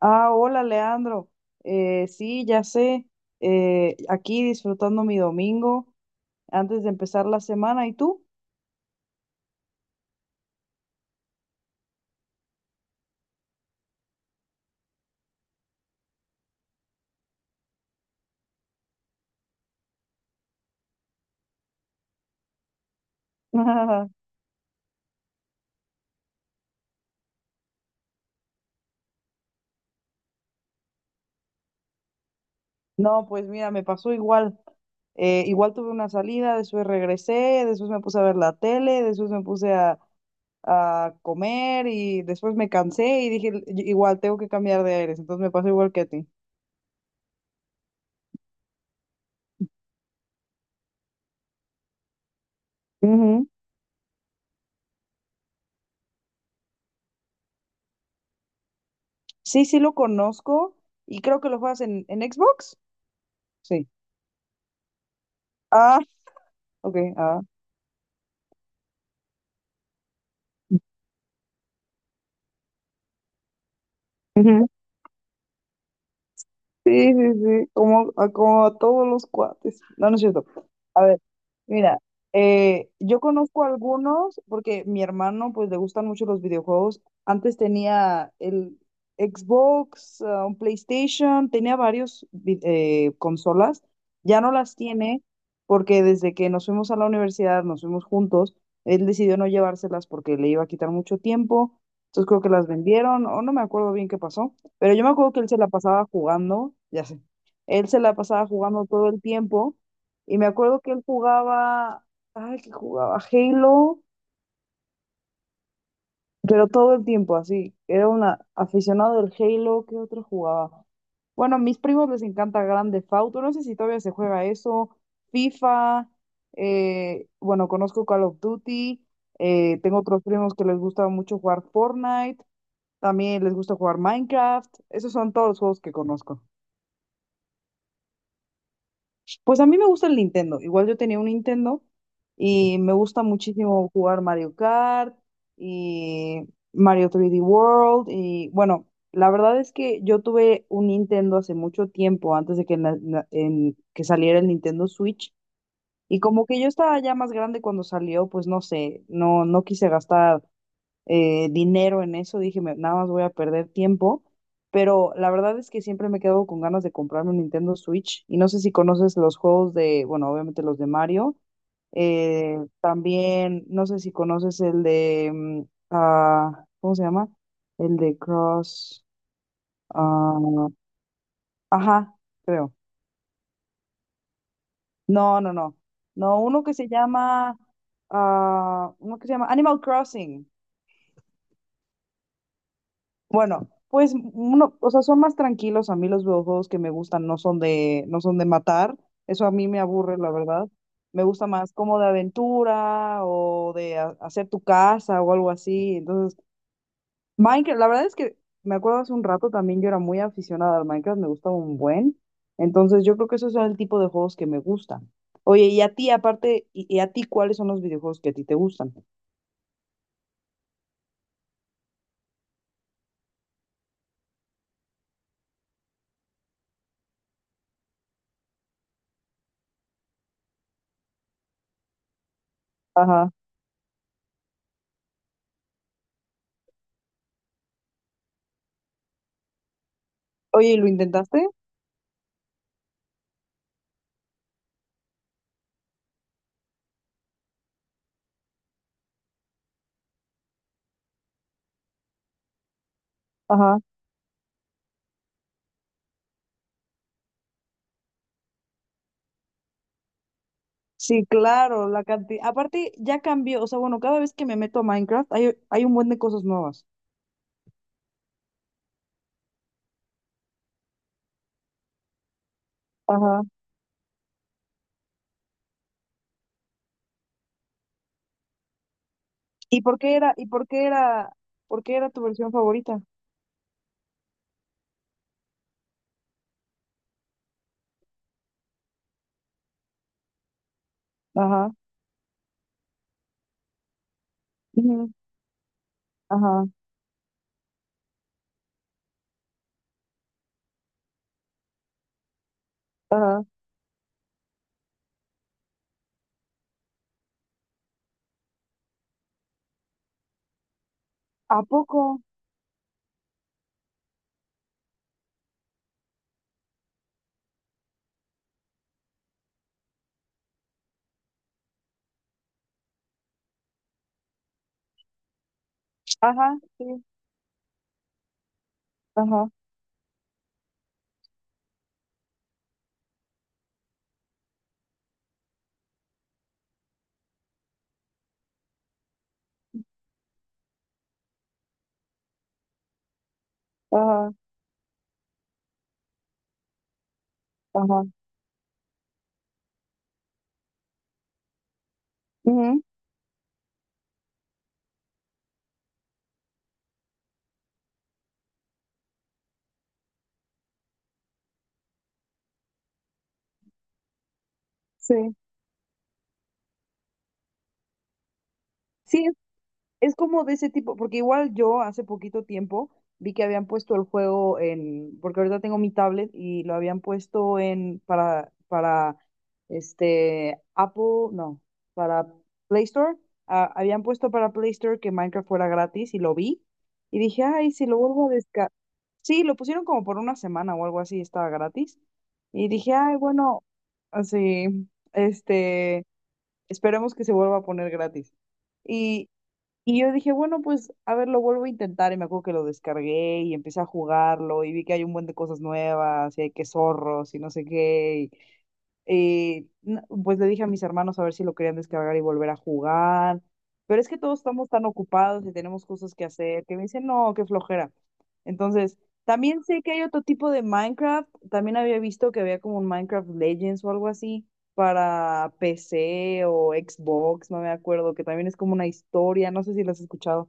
Ah, hola Leandro. Sí, ya sé. Aquí disfrutando mi domingo antes de empezar la semana. ¿Y tú? No, pues mira, me pasó igual. Igual tuve una salida, después regresé, después me puse a ver la tele, después me puse a comer y después me cansé y dije, Igual tengo que cambiar de aires." Entonces me pasó igual que a ti. Ujú. Sí, sí lo conozco y creo que lo juegas en Xbox. Sí. Ah, ok. Ah. Sí, sí, sí, como a todos los cuates. No, no es cierto. A ver, mira, yo conozco algunos porque mi hermano, pues, le gustan mucho los videojuegos. Antes tenía el Xbox, ah, un PlayStation, tenía varios vi- consolas. Ya no las tiene porque desde que nos fuimos a la universidad, nos fuimos juntos, él decidió no llevárselas porque le iba a quitar mucho tiempo. Entonces creo que las vendieron o no me acuerdo bien qué pasó. Pero yo me acuerdo que él se la pasaba jugando, ya sé, él se la pasaba jugando todo el tiempo y me acuerdo que él jugaba, ay, que jugaba Halo, pero todo el tiempo así, era un aficionado del Halo. ¿Qué otro jugaba? Bueno, a mis primos les encanta Grand Theft Auto, no sé si todavía se juega eso, FIFA, bueno, conozco Call of Duty, tengo otros primos que les gusta mucho jugar Fortnite, también les gusta jugar Minecraft, esos son todos los juegos que conozco. Pues a mí me gusta el Nintendo. Igual yo tenía un Nintendo y me gusta muchísimo jugar Mario Kart y Mario 3D World. Y bueno, la verdad es que yo tuve un Nintendo hace mucho tiempo, antes de que, que saliera el Nintendo Switch. Y como que yo estaba ya más grande cuando salió, pues no sé, no, no quise gastar dinero en eso, dije, Nada más voy a perder tiempo." Pero la verdad es que siempre me quedo con ganas de comprarme un Nintendo Switch y no sé si conoces los juegos de, bueno, obviamente los de Mario, también, no sé si conoces el de, ¿cómo se llama? El de Cross, ah, ajá, creo. No, no, no. No, uno que se llama Animal Crossing. Bueno, pues uno, o sea, son más tranquilos. A mí los videojuegos que me gustan no son de matar. Eso a mí me aburre, la verdad. Me gusta más como de aventura o de hacer tu casa o algo así. Entonces, Minecraft, la verdad es que me acuerdo hace un rato también yo era muy aficionada al Minecraft, me gustaba un buen. Entonces, yo creo que esos son el tipo de juegos que me gustan. Oye, y a ti, aparte, y a ti, ¿cuáles son los videojuegos que a ti te gustan? Ajá. Oye, ¿y lo intentaste? Ajá. Sí, claro, la cantidad. Aparte, ya cambió, o sea, bueno, cada vez que me meto a Minecraft hay un buen de cosas nuevas. Ajá. ¿Y por qué era, y por qué era, ¿Por qué era tu versión favorita? Ajá. Ujú. Ajá. Ajá. ¿A poco? Ajá, sí. Ajá. Ajá. Ajá. Ujú. Sí. Sí, es como de ese tipo, porque igual yo hace poquito tiempo vi que habían puesto el juego en, porque ahorita tengo mi tablet y lo habían puesto en para este Apple, no, para Play Store, ah, habían puesto para Play Store que Minecraft fuera gratis y lo vi y dije, "Ay, si lo vuelvo a descargar." Sí, lo pusieron como por una semana o algo así, estaba gratis. Y dije, "Ay, bueno, así este, esperemos que se vuelva a poner gratis." y y yo dije, bueno, pues a ver, lo vuelvo a intentar. Y me acuerdo que lo descargué y empecé a jugarlo y vi que hay un buen de cosas nuevas y hay que zorros y no sé qué pues le dije a mis hermanos a ver si lo querían descargar y volver a jugar. Pero es que todos estamos tan ocupados y tenemos cosas que hacer que me dicen, no, qué flojera. Entonces, también sé que hay otro tipo de Minecraft. También había visto que había como un Minecraft Legends o algo así para PC o Xbox, no me acuerdo, que también es como una historia. No sé si lo has escuchado.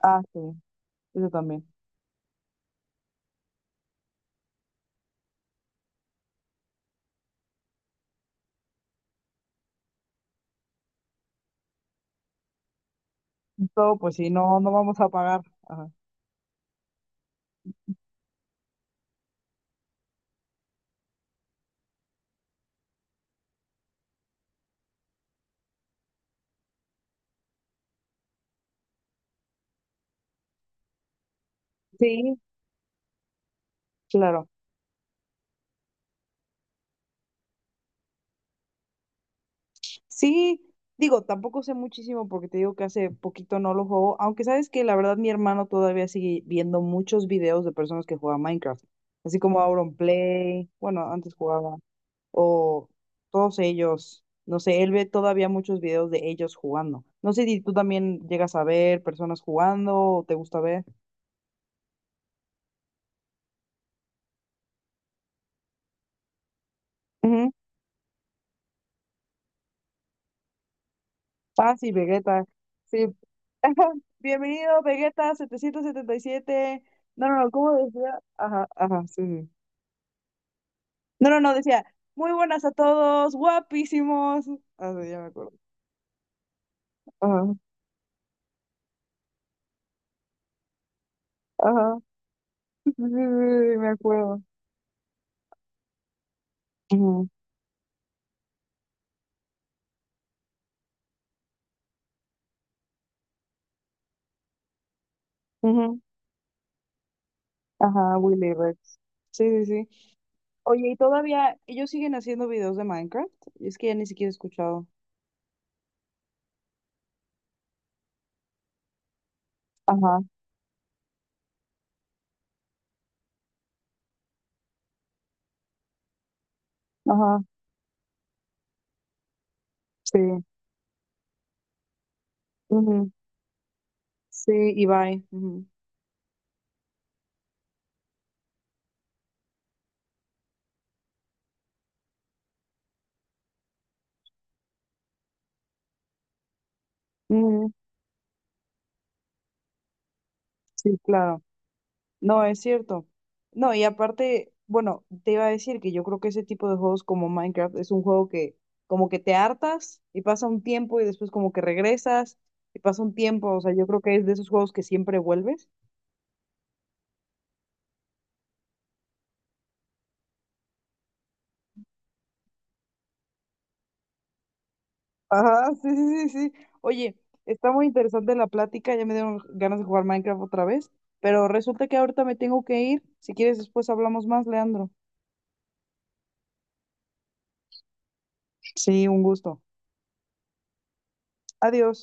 Ah, sí, eso también. Todo, pues sí, no, no vamos a pagar. Ajá. Sí, claro. Sí, digo, tampoco sé muchísimo porque te digo que hace poquito no lo juego, aunque sabes que la verdad mi hermano todavía sigue viendo muchos videos de personas que juegan Minecraft, así como Auronplay, bueno, antes jugaba, o todos ellos, no sé, él ve todavía muchos videos de ellos jugando. No sé si tú también llegas a ver personas jugando o te gusta ver. Ujú. Ah, sí, Vegeta, sí. Bienvenido, Vegeta 777. No, no, no, ¿cómo decía? Ajá, ajá, sí. Sí. No, no, no, decía, muy buenas a todos, guapísimos. Ah, sí, ya me acuerdo. Ajá, ajá, sí, sí, sí, sí, me acuerdo. Ujú, ujú. Ajá, Willy Rex. Sí, sí, sí. Oye, y todavía ellos siguen haciendo videos de Minecraft. Y es que ya ni siquiera he escuchado. Ajá, ajá, sí. Ujú. Sí, y bye. Ujú, ujú. Sí, claro. No, es cierto. No, y aparte, bueno, te iba a decir que yo creo que ese tipo de juegos como Minecraft es un juego que como que te hartas y pasa un tiempo y después como que regresas y pasa un tiempo, o sea, yo creo que es de esos juegos que siempre vuelves. Ajá, sí, sí, sí, sí. Oye, está muy interesante la plática, ya me dieron ganas de jugar Minecraft otra vez, pero resulta que ahorita me tengo que ir. Si quieres, después hablamos más, Leandro. Sí, un gusto. Adiós.